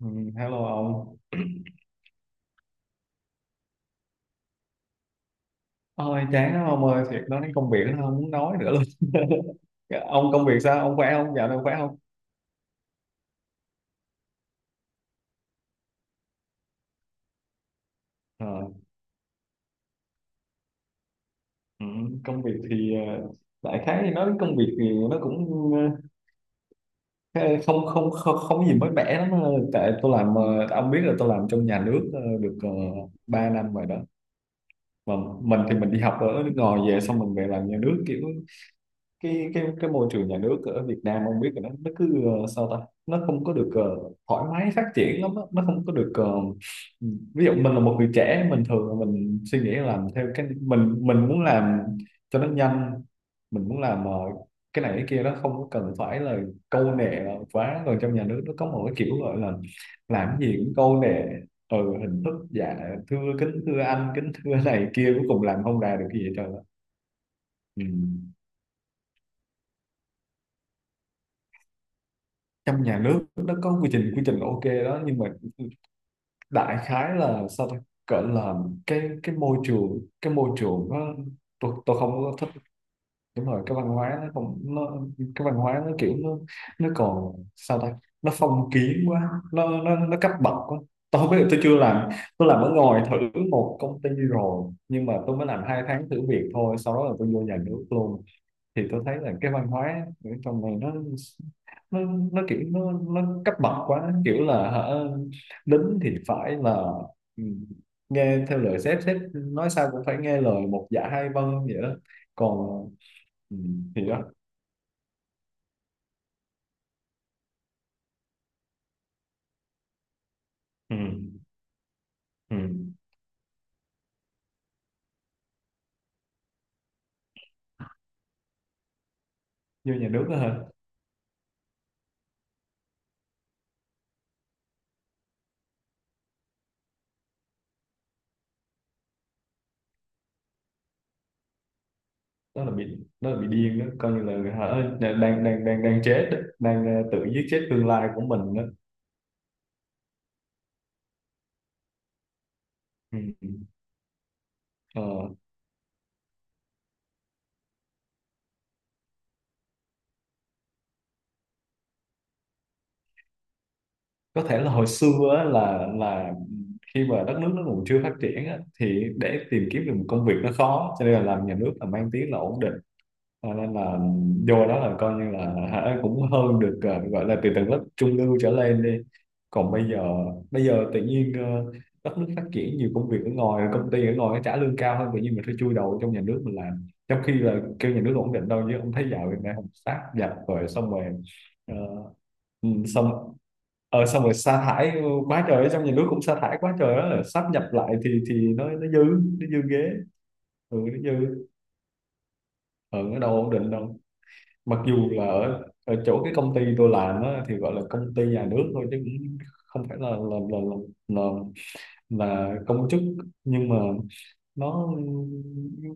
Ừ, hello ông. Ôi chán lắm ông ơi. Thiệt, nói đến công việc nó không muốn nói nữa luôn. Ông công việc sao? Ông khỏe không? Dạo này ông khỏe không? Ờ, ừ, công việc thì đại khái thì nói đến công việc thì nó cũng ờ, không không không, không có gì mới mẻ lắm. Ờ, Tại tôi làm, ông biết là tôi làm trong nhà nước được 3 năm rồi đó, mà mình thì mình đi học ở nước ngoài về, xong mình về làm nhà nước. Kiểu cái môi trường nhà nước ở Việt Nam ông biết là nó cứ, sao ta, nó không có được thoải mái phát triển lắm á. Nó không có được, ví dụ mình là một người trẻ, mình thường là mình suy nghĩ làm theo cái mình muốn làm cho nó nhanh. Mình muốn làm cái này cái kia, nó không có cần phải là câu nệ quá. Còn trong nhà nước nó có một cái kiểu gọi là làm cái gì cũng câu nệ. Ừ, hình thức. Dạ, thưa kính thưa anh, kính thưa này kia, cuối cùng làm không ra được cái gì hết trơn á. Ừ. Trong nhà nước nó có quy trình. Quy trình ok đó, nhưng mà đại khái là sao ta, cỡ là cái môi trường, cái môi trường nó, tôi không có thích. Đúng rồi, cái văn hóa nó không, nó cái văn hóa nó kiểu nó còn sao ta, nó phong kiến quá, nó cấp bậc quá. Tôi không biết, là tôi chưa làm. Tôi làm ở ngoài thử một công ty rồi, nhưng mà tôi mới làm hai tháng thử việc thôi, sau đó là tôi vô nhà nước luôn. Thì tôi thấy là cái văn hóa ở trong này nó nó kiểu nó cấp bậc quá, kiểu là hả, lính thì phải là, ừ, nghe theo lời sếp. Sếp nói sao cũng phải nghe lời, một dạ hai vâng vậy đó. Còn ừ, thì đó. Ừ, ừ. Vô nhà nước đó hả? Đó là bị đó là bị điên đó. Coi như là hả, đang đang đang đang chết đó. Đang, tự giết chết tương lai của mình đó. Ừ. Ờ, có thể là hồi xưa á, là khi mà đất nước nó còn chưa phát triển á, thì để tìm kiếm được một công việc nó khó, cho nên là làm nhà nước là mang tiếng là ổn định. Cho nên là vô đó là coi như là hả, cũng hơn được, gọi là từ tầng lớp trung lưu trở lên đi. Còn bây giờ, bây giờ tự nhiên đất nước phát triển, nhiều công việc ở ngoài, công ty ở ngoài nó trả lương cao hơn, tự nhiên mình phải chui đầu trong nhà nước mình làm, trong khi là kêu nhà nước ổn định đâu chứ. Ông thấy dạo này không, sát dập rồi, xong rồi, ờ, ừ, xong xong rồi sa thải. Ừ, quá trời ấy. Xong nhà nước cũng sa thải quá trời á, sắp nhập lại thì, nó dư, nó dư ghế. Ừ, nó dư. Ừ, nó đâu ổn định đâu. Mặc dù là ở chỗ cái công ty tôi làm á thì gọi là công ty nhà nước thôi, chứ cũng không phải là, là là, là, là công chức. Nhưng mà nó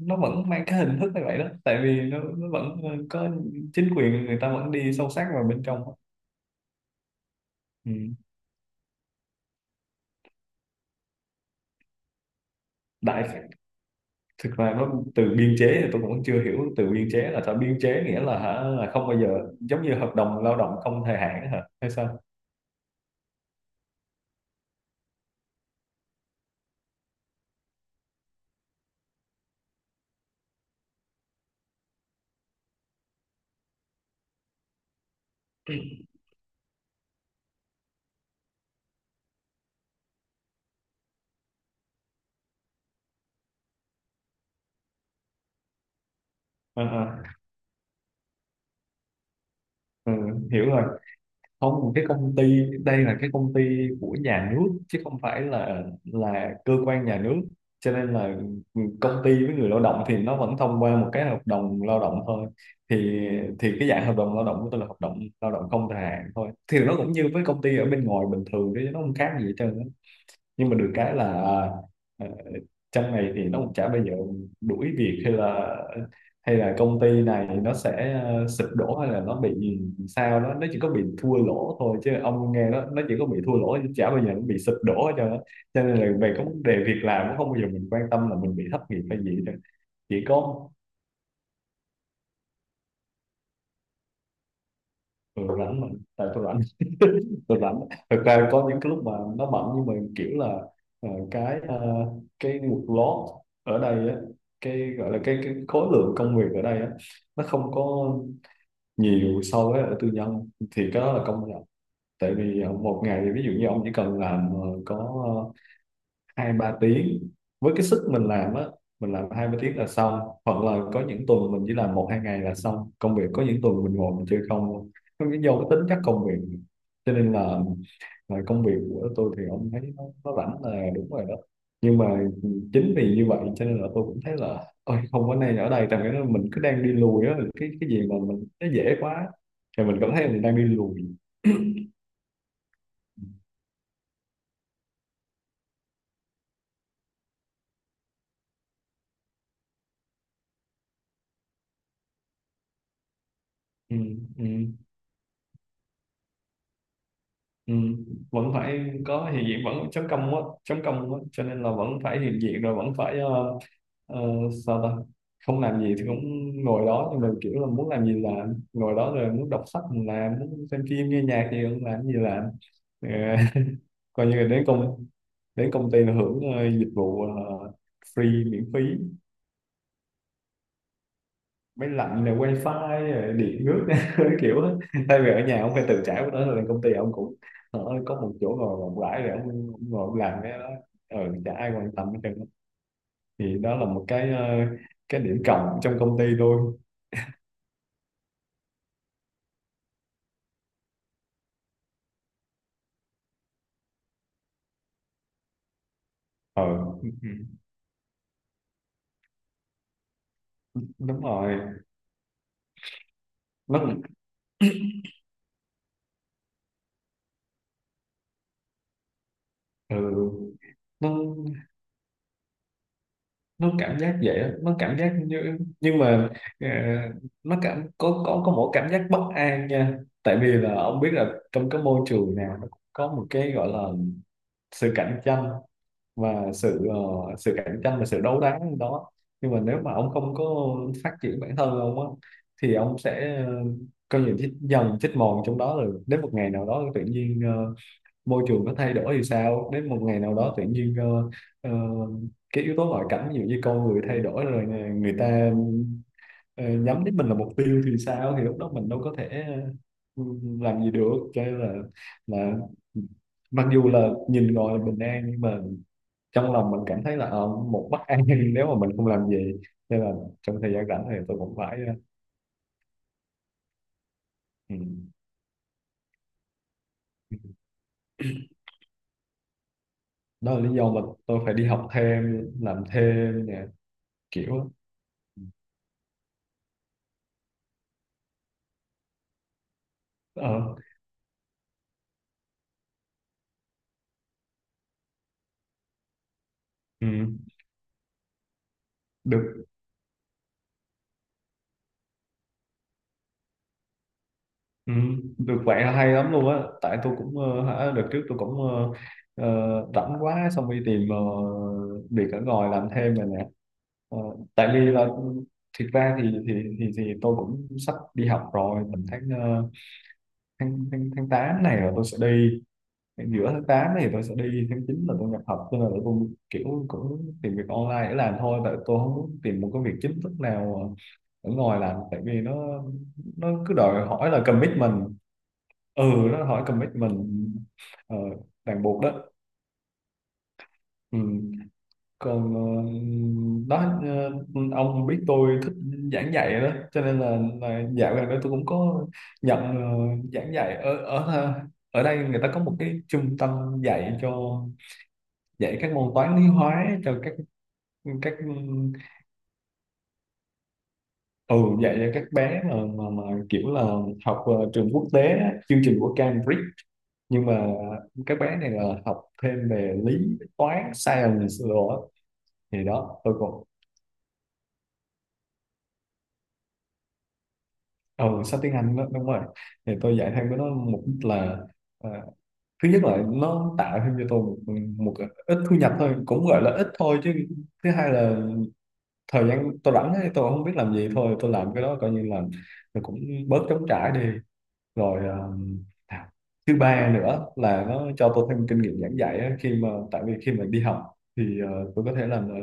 nó vẫn mang cái hình thức như vậy đó. Tại vì nó vẫn có chính quyền, người ta vẫn đi sâu sát vào bên trong á. Ừ. đại Thực ra nó từ biên chế thì tôi cũng chưa hiểu, từ biên chế là sao? Biên chế nghĩa là hả, là không bao giờ, giống như hợp đồng lao động không thời hạn á, hả, hay sao? Ờ, ờ, ừ, hiểu rồi. Không, cái công ty đây là cái công ty của nhà nước, chứ không phải là cơ quan nhà nước. Cho nên là công ty với người lao động thì nó vẫn thông qua một cái hợp đồng lao động thôi. Thì, cái dạng hợp đồng lao động của tôi là hợp đồng lao động không thời hạn thôi, thì nó cũng như với công ty ở bên ngoài bình thường, chứ nó không khác gì hết trơn á. Nhưng mà được cái là, ờ, trong này thì nó cũng chả bao giờ đuổi việc, hay là, công ty này nó sẽ sụp đổ, hay là nó bị sao đó. Nó chỉ có bị thua lỗ thôi, chứ ông nghe, nó chỉ có bị thua lỗ, chứ chả bao giờ nó bị sụp đổ hết trơn á. Cho nên là về cái vấn đề việc làm cũng không bao giờ mình quan tâm là mình bị thất nghiệp hay gì hết trơn. Chỉ có, ừ, rảnh mà. Tại tôi rảnh, tôi rảnh. Thực ra có những cái lúc mà nó bận, nhưng mà kiểu là cái workload ở đây á, cái gọi là cái khối lượng công việc ở đây á, nó không có nhiều so với ở tư nhân, thì cái đó là công nhận. Tại vì một ngày ví dụ như ông chỉ cần làm có hai ba tiếng, với cái sức mình làm á, mình làm hai ba tiếng là xong. Hoặc là có những tuần mình chỉ làm một hai ngày là xong công việc. Có những tuần mình ngồi mình chơi không luôn. Nó cái do cái tính chất công việc, cho nên là, công việc của tôi thì ông thấy nó rảnh là đúng rồi đó. Nhưng mà chính vì như vậy cho nên là tôi cũng thấy là, ôi không có nên ở đây, tại vì mình cứ đang đi lùi á. Cái gì mà mình nó dễ quá thì mình cảm thấy mình đang đi lùi. Ừ, ừ. Ừ, vẫn phải có hiện diện, vẫn chấm công á, chấm công á. Cho nên là vẫn phải hiện diện, rồi vẫn phải ờ, sao ta, không làm gì thì cũng ngồi đó, nhưng mà kiểu là muốn làm gì làm. Ngồi đó rồi muốn đọc sách thì làm, muốn xem phim nghe nhạc thì cũng làm gì làm. Ờ, coi như là đến công ty là hưởng, dịch vụ, free miễn phí. Máy lạnh này, wifi, rồi điện nước, kiểu á. Thay vì ở nhà ông phải tự trả của nó, thì công ty ông cũng ở có một chỗ ngồi rộng rãi để ông ngồi ông làm cái đó. Ừ, chả ai quan tâm hết trơn á. Thì đó là một cái cái điểm cộng trong công ty tôi. Ờ, ừ, đúng rồi. Nó, ừ, nó nó cảm giác vậy á. Nó cảm giác như, nhưng mà ờ, nó cảm, có một cảm giác bất an nha. Tại vì là ông biết là trong cái môi trường nào nó cũng có một cái gọi là sự cạnh tranh và sự cạnh tranh và sự đấu đá đó. Nhưng mà nếu mà ông không có phát triển bản thân ông á, thì ông sẽ có những chết dần chết mòn trong đó. Rồi đến một ngày nào đó tự nhiên môi trường nó thay đổi thì sao? Đến một ngày nào đó tự nhiên ờ, cái yếu tố ngoại cảnh, ví dụ như con người thay đổi rồi nè, người ta ờ, nhắm đến mình là mục tiêu thì sao, thì lúc đó mình đâu có thể, ừ, làm gì được. Cho nên là, là mặc dù là nhìn gọi là bình an, nhưng mà trong lòng mình cảm thấy là một bất an. Nếu mà mình không làm gì, nên là trong thời gian rảnh thì tôi cũng phải ừ. Đó là lý do mà tôi phải đi học thêm, làm thêm nè, kiểu á. ờ ừ. Được. Ừ, được vậy là hay lắm luôn á. Tại tôi cũng đợt trước tôi cũng rảnh quá, xong đi tìm việc ở ngoài làm thêm rồi nè. Ờ, tại vì là, ừ, thiệt ra thì tôi cũng sắp đi học rồi. Mình tháng tháng 8 này là tôi sẽ đi, giữa tháng 8 này tôi sẽ đi, tháng 9 là tôi nhập học. Cho nên là tôi kiểu cũng tìm việc online để làm thôi, tại tôi không muốn tìm một cái việc chính thức nào ở ngoài làm, tại vì nó cứ đòi hỏi là commitment. Ừ, nó hỏi commitment. ờ, Ràng buộc đó. Ừ. Còn đó, ông biết tôi thích giảng dạy đó, cho nên là, dạo gần đây tôi cũng có nhận giảng dạy ở ở ờ, ở đây. Người ta có một cái trung tâm dạy các môn toán lý hóa cho các. Ừ, dạy cho các bé mà, kiểu là học trường quốc tế á, chương trình của Cambridge. Nhưng mà các bé này là học thêm về lý, toán, science rồi á. Thì đó tôi còn, ừ, sách tiếng Anh đó, đúng rồi. Thì tôi dạy thêm với nó mục đích là ờ, thứ nhất là nó tạo thêm cho tôi một, một ít thu nhập thôi, cũng gọi là ít thôi chứ. Thứ hai là thời gian tôi rảnh ấy, tôi không biết làm gì, thôi tôi làm cái đó, coi như là cũng bớt trống trải đi. Rồi à, thứ ba nữa là nó cho tôi thêm kinh nghiệm giảng dạy á. Khi mà, tại vì khi mà đi học thì tôi có thể làm ở,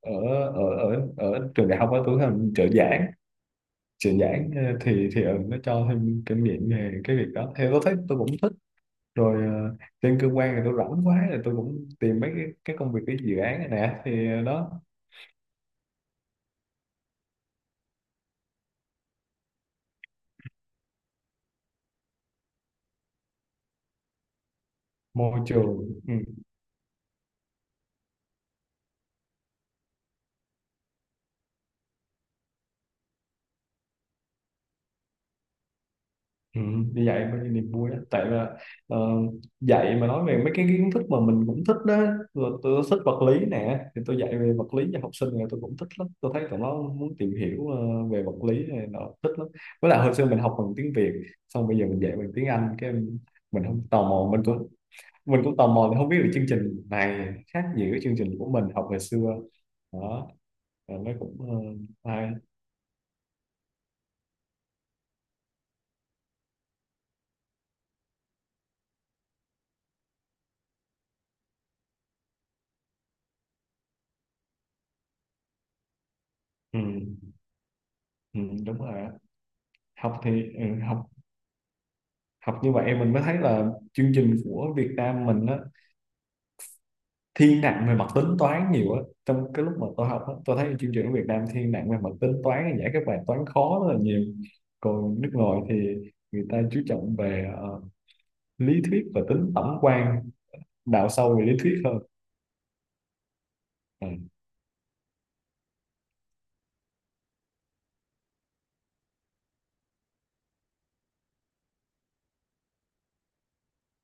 ở ở trường đại học á, tôi có thể làm trợ giảng. Trợ giảng thì, nó cho thêm kinh nghiệm về cái việc đó, theo tôi thấy tôi cũng thích. Rồi trên cơ quan thì tôi rảnh quá, thì tôi cũng tìm mấy cái công việc, cái dự án này nè, thì đó, môi trường. Ừ. Ừ, như vậy mới là niềm vui đó. Tại là ờ, dạy mà nói về mấy cái kiến thức mà mình cũng thích đó. Tôi thích vật lý nè, thì tôi dạy về vật lý cho học sinh này, tôi cũng thích lắm. Tôi thấy tụi nó muốn tìm hiểu về vật lý này, nó thích lắm. Với lại hồi xưa mình học bằng tiếng Việt, xong bây giờ mình dạy bằng tiếng Anh, mình không tò mò, mình cũng tò mò thì không biết được chương trình này khác gì với chương trình của mình học hồi xưa. Đó. Rồi nó cũng hay. Ừ, ừ, đúng rồi. Học thì, học học như vậy mình mới thấy là chương trình của Việt Nam mình á thiên nặng về mặt tính toán nhiều á. Trong cái lúc mà tôi học á, tôi thấy chương trình của Việt Nam thiên nặng về mặt tính toán, giải các bài toán khó rất là nhiều. Còn nước ngoài thì người ta chú trọng về lý thuyết và tính tổng quan, đào sâu về lý thuyết hơn. Ừ.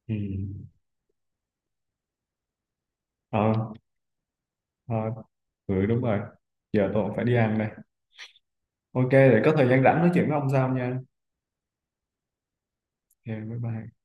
Ừ. Ờ, ờ, ừ, đúng rồi. Giờ tôi cũng phải đi ăn đây. Ok, để có thời gian rảnh nói chuyện với ông sau nha. Ok, bye bye.